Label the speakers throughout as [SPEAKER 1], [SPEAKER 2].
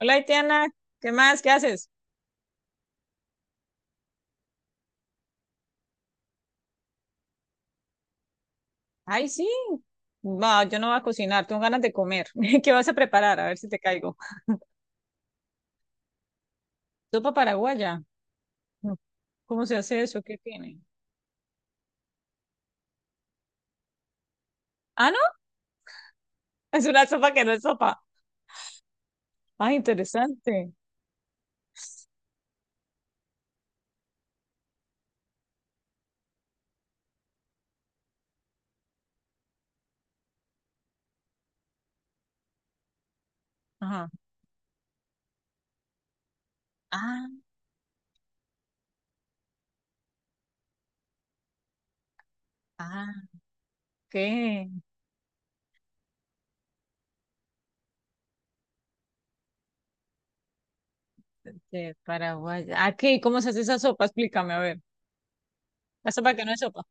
[SPEAKER 1] Hola, Tiana, ¿qué más? ¿Qué haces? Ay, sí. Va, yo no voy a cocinar, tengo ganas de comer. ¿Qué vas a preparar? A ver si te caigo. Sopa paraguaya. No, ¿cómo se hace eso? ¿Qué tiene? Ah, no, es una sopa que no es sopa. Ah, interesante. Ajá. Ah, ah, ¿qué? De paraguaya. Ah, ¿qué? ¿Cómo se hace esa sopa? Explícame, a ver. La sopa que no es sopa.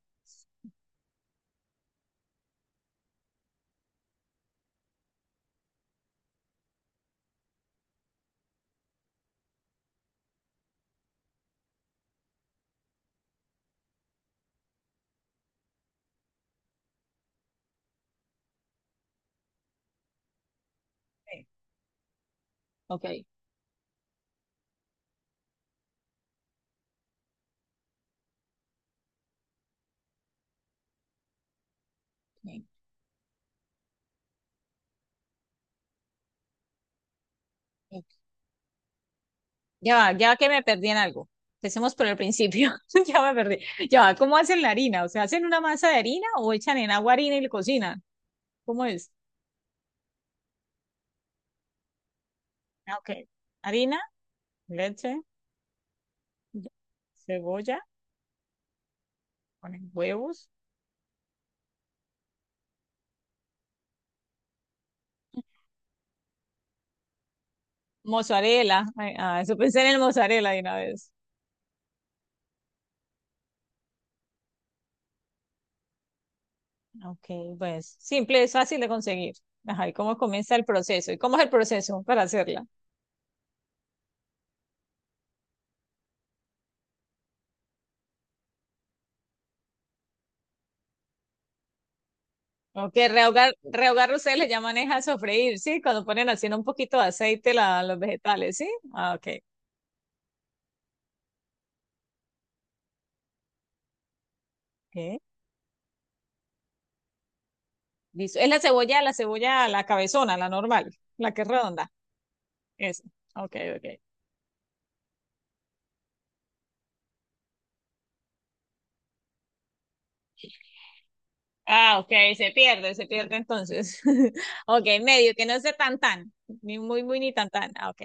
[SPEAKER 1] Sí. Ok. Ok. Ya va, ya que me perdí en algo. Empecemos por el principio. Ya me perdí. Ya va, ¿cómo hacen la harina? O sea, ¿hacen una masa de harina o echan en agua harina y le cocinan? ¿Cómo es? Ah, ok. Harina, leche, cebolla, ponen huevos, mozzarella. Ay, ah, eso pensé en el mozzarella de una vez. Ok, pues simple, es fácil de conseguir. Ajá, ¿y cómo comienza el proceso? ¿Y cómo es el proceso para hacerla? Ok, rehogar, rehogar ustedes le llaman es a sofreír, ¿sí? Cuando ponen así en un poquito de aceite los vegetales, ¿sí? Ah, ok. Ok. Listo. Es la cebolla, la cebolla, la cabezona, la normal, la que es redonda. Eso. Ok, ok. Ah, ok, se pierde entonces. Ok, medio, que no sea tan tan, ni muy, muy, ni tan tan. Ah, ok.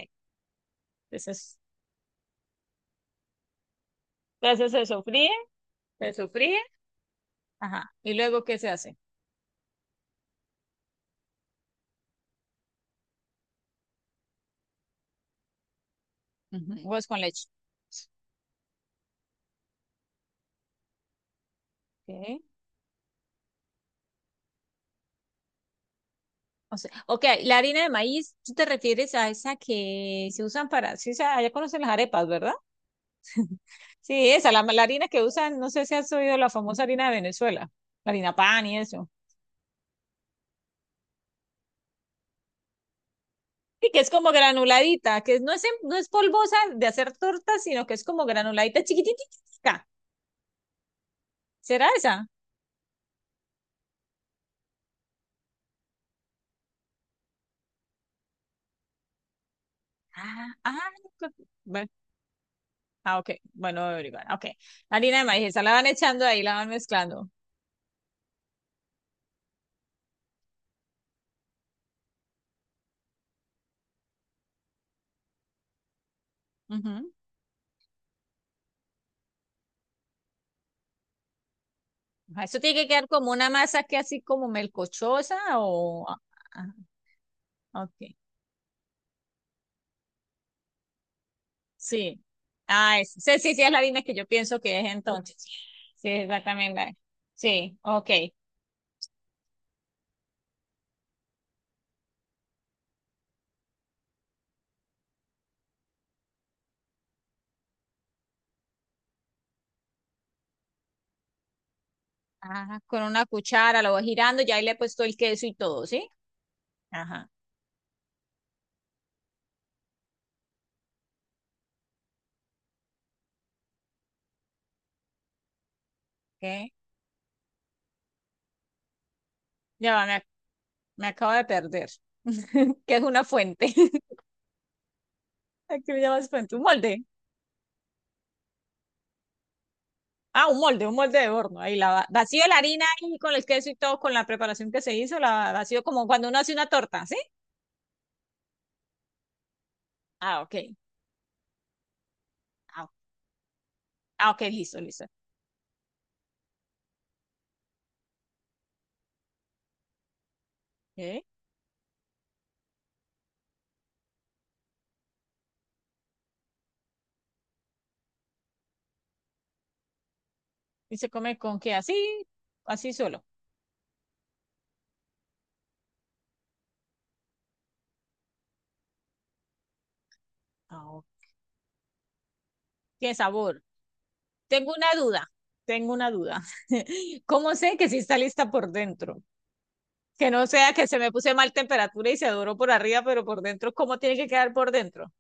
[SPEAKER 1] Entonces, entonces se sofríe, se sofríe. Ajá. ¿Y luego qué se hace? Ujú, huevos con leche. Ok. O sea, ok, la harina de maíz, tú te refieres a esa que se usan para, sí, o sea, ya conocen las arepas, ¿verdad? Sí, esa, la harina que usan, no sé si has oído la famosa harina de Venezuela, la harina pan y eso. Y que es como granuladita, que no es, no es polvosa de hacer tortas, sino que es como granuladita chiquititita. ¿Será esa? Ah, ah, co- bueno, ah, ok. Bueno, voy a averiguar. Ok. La harina de maíz, esa la van echando ahí, la van mezclando. Ujú. Ajá, eso tiene que quedar como una masa que así como melcochosa o ah, ah, ok. Sí. Ah, sí, sí, sí, es la Dina que yo pienso que es entonces. Sí, exactamente la. Sí, ok. Ajá, con una cuchara lo voy girando, ya ahí le he puesto el queso y todo, ¿sí? Ajá, ok. Ya va, me acabo de perder. ¿Qué es una fuente? ¿A qué le llamas fuente? Un molde. Ah, un molde de horno. Ahí vacío la harina y con el queso y todo, con la preparación que se hizo, la vacío como cuando uno hace una torta, ¿sí? Ah, ok. Ah, ah, ok, listo, listo. Ok. ¿Y se come con qué? Así, así solo. Ah, ok. ¿Qué sabor? Tengo una duda, tengo una duda. ¿Cómo sé que sí está lista por dentro? Que no sea que se me puse mal temperatura y se doró por arriba, pero por dentro, ¿cómo tiene que quedar por dentro?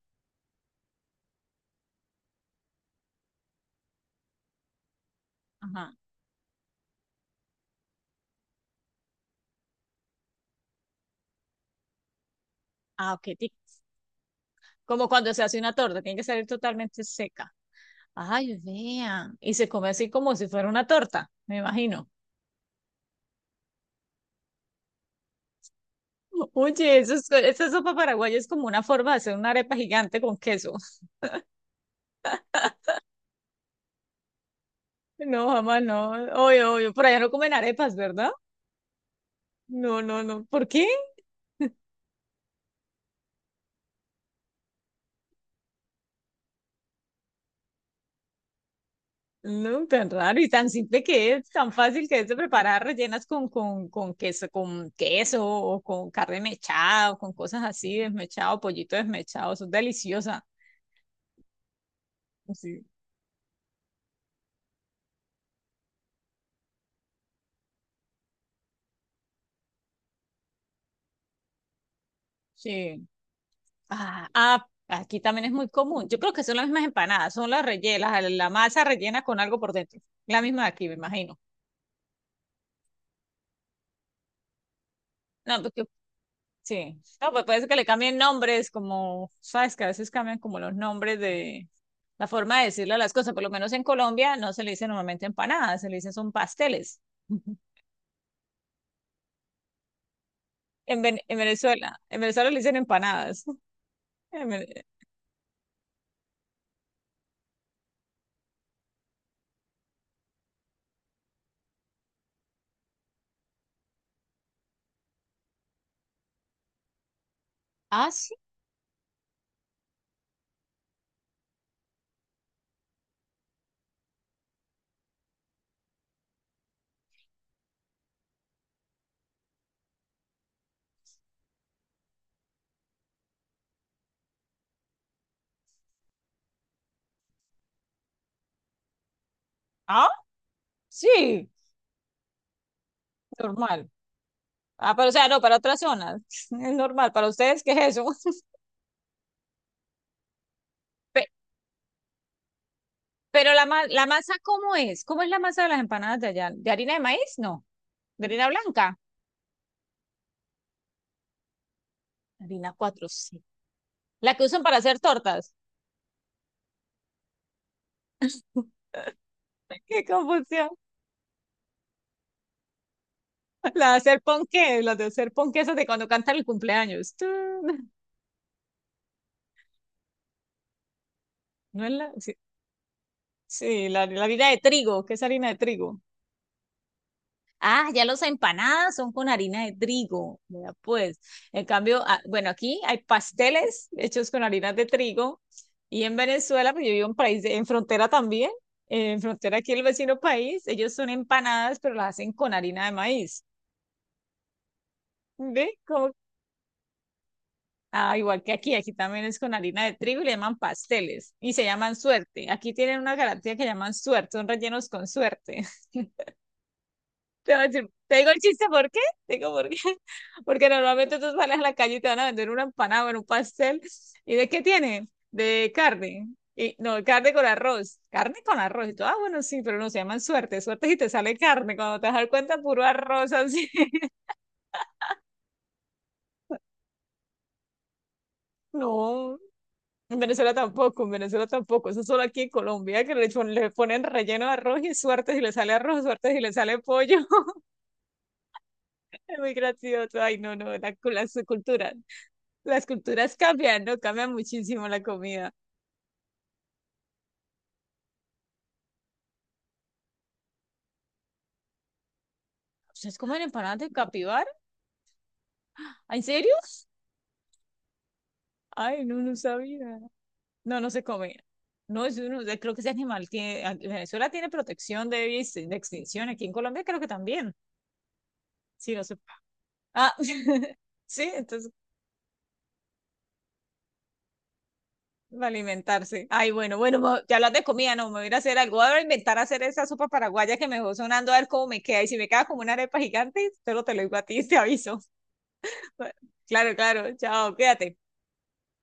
[SPEAKER 1] Ajá. Ah, ok. Como cuando se hace una torta, tiene que salir totalmente seca. Ay, vean. Y se come así como si fuera una torta, me imagino. Oye, esa sopa paraguaya es como una forma de hacer una arepa gigante con queso. No, jamás no. Oye, oye, por allá no comen arepas, ¿verdad? No, no, no. ¿Por qué? No, tan raro y tan simple que es, tan fácil que es de preparar, rellenas con, con queso, con queso o con carne mechada o con cosas así, desmechado, pollito desmechado, son deliciosas. Sí. Sí. Ah, ah, aquí también es muy común. Yo creo que son las mismas empanadas, son las rellenas, la masa rellena con algo por dentro. La misma de aquí, me imagino. No, porque sí. No, pues puede ser que le cambien nombres, como, sabes, que a veces cambian como los nombres de la forma de decirle a las cosas. Por lo menos en Colombia no se le dice normalmente empanadas, se le dicen son pasteles. En Venezuela le dicen empanadas. En Vene- Ah, sí. Ah, sí, normal. Ah, pero o sea, no, para otras zonas. Es normal. Para ustedes, ¿qué es eso? Pe- Pero la masa, ¿cómo es? ¿Cómo es la masa de las empanadas de allá? ¿De harina de maíz? No. ¿De harina blanca? Harina 4 sí. La que usan para hacer tortas. Qué confusión. La de hacer ponqué, la de hacer ponqué esas de cuando cantan el cumpleaños. Tú, no es la, sí, sí, la harina de trigo, ¿qué es harina de trigo? Ah, ya los empanadas son con harina de trigo, vea pues. En cambio, ah, bueno, aquí hay pasteles hechos con harina de trigo y en Venezuela, pues yo vivo en país, en frontera también, en frontera aquí el vecino país, ellos son empanadas, pero las hacen con harina de maíz. ¿Ve? Ah, igual que aquí, aquí también es con harina de trigo y le llaman pasteles y se llaman suerte. Aquí tienen una garantía que llaman suerte, son rellenos con suerte. Te voy a decir- te digo el chiste, ¿por qué? Te digo por qué. Porque normalmente tú sales a la calle y te van a vender una empanada o un pastel. ¿Y de qué tiene? De carne. Y, no, carne con arroz. Carne con arroz. Y tú, ah, bueno, sí, pero no se llaman suerte. Suerte si te sale carne. Cuando te das cuenta, puro arroz así. No, en Venezuela tampoco, en Venezuela tampoco. Eso solo aquí en Colombia, que le, le ponen relleno de arroz y suerte si le sale arroz, suerte si le sale pollo. Es muy gracioso. Ay, no, no, las culturas. Las culturas cambian, ¿no? Cambia muchísimo la comida. ¿Ustedes comen empanadas de capibara? ¿Ah, ¿en serio? Ay, no, no sabía. No, no se come. No, es uno, creo que ese animal tiene, Venezuela tiene protección de, de extinción. Aquí en Colombia creo que también. Sí, no se... Ah, sí, entonces de alimentarse. Ay, bueno, bueno, ya hablas de comida, no, me voy a ir a hacer algo, voy a inventar hacer esa sopa paraguaya que me dejó sonando a ver cómo me queda. Y si me queda como una arepa gigante, solo te lo digo a ti, te aviso. Claro, claro, chao, quédate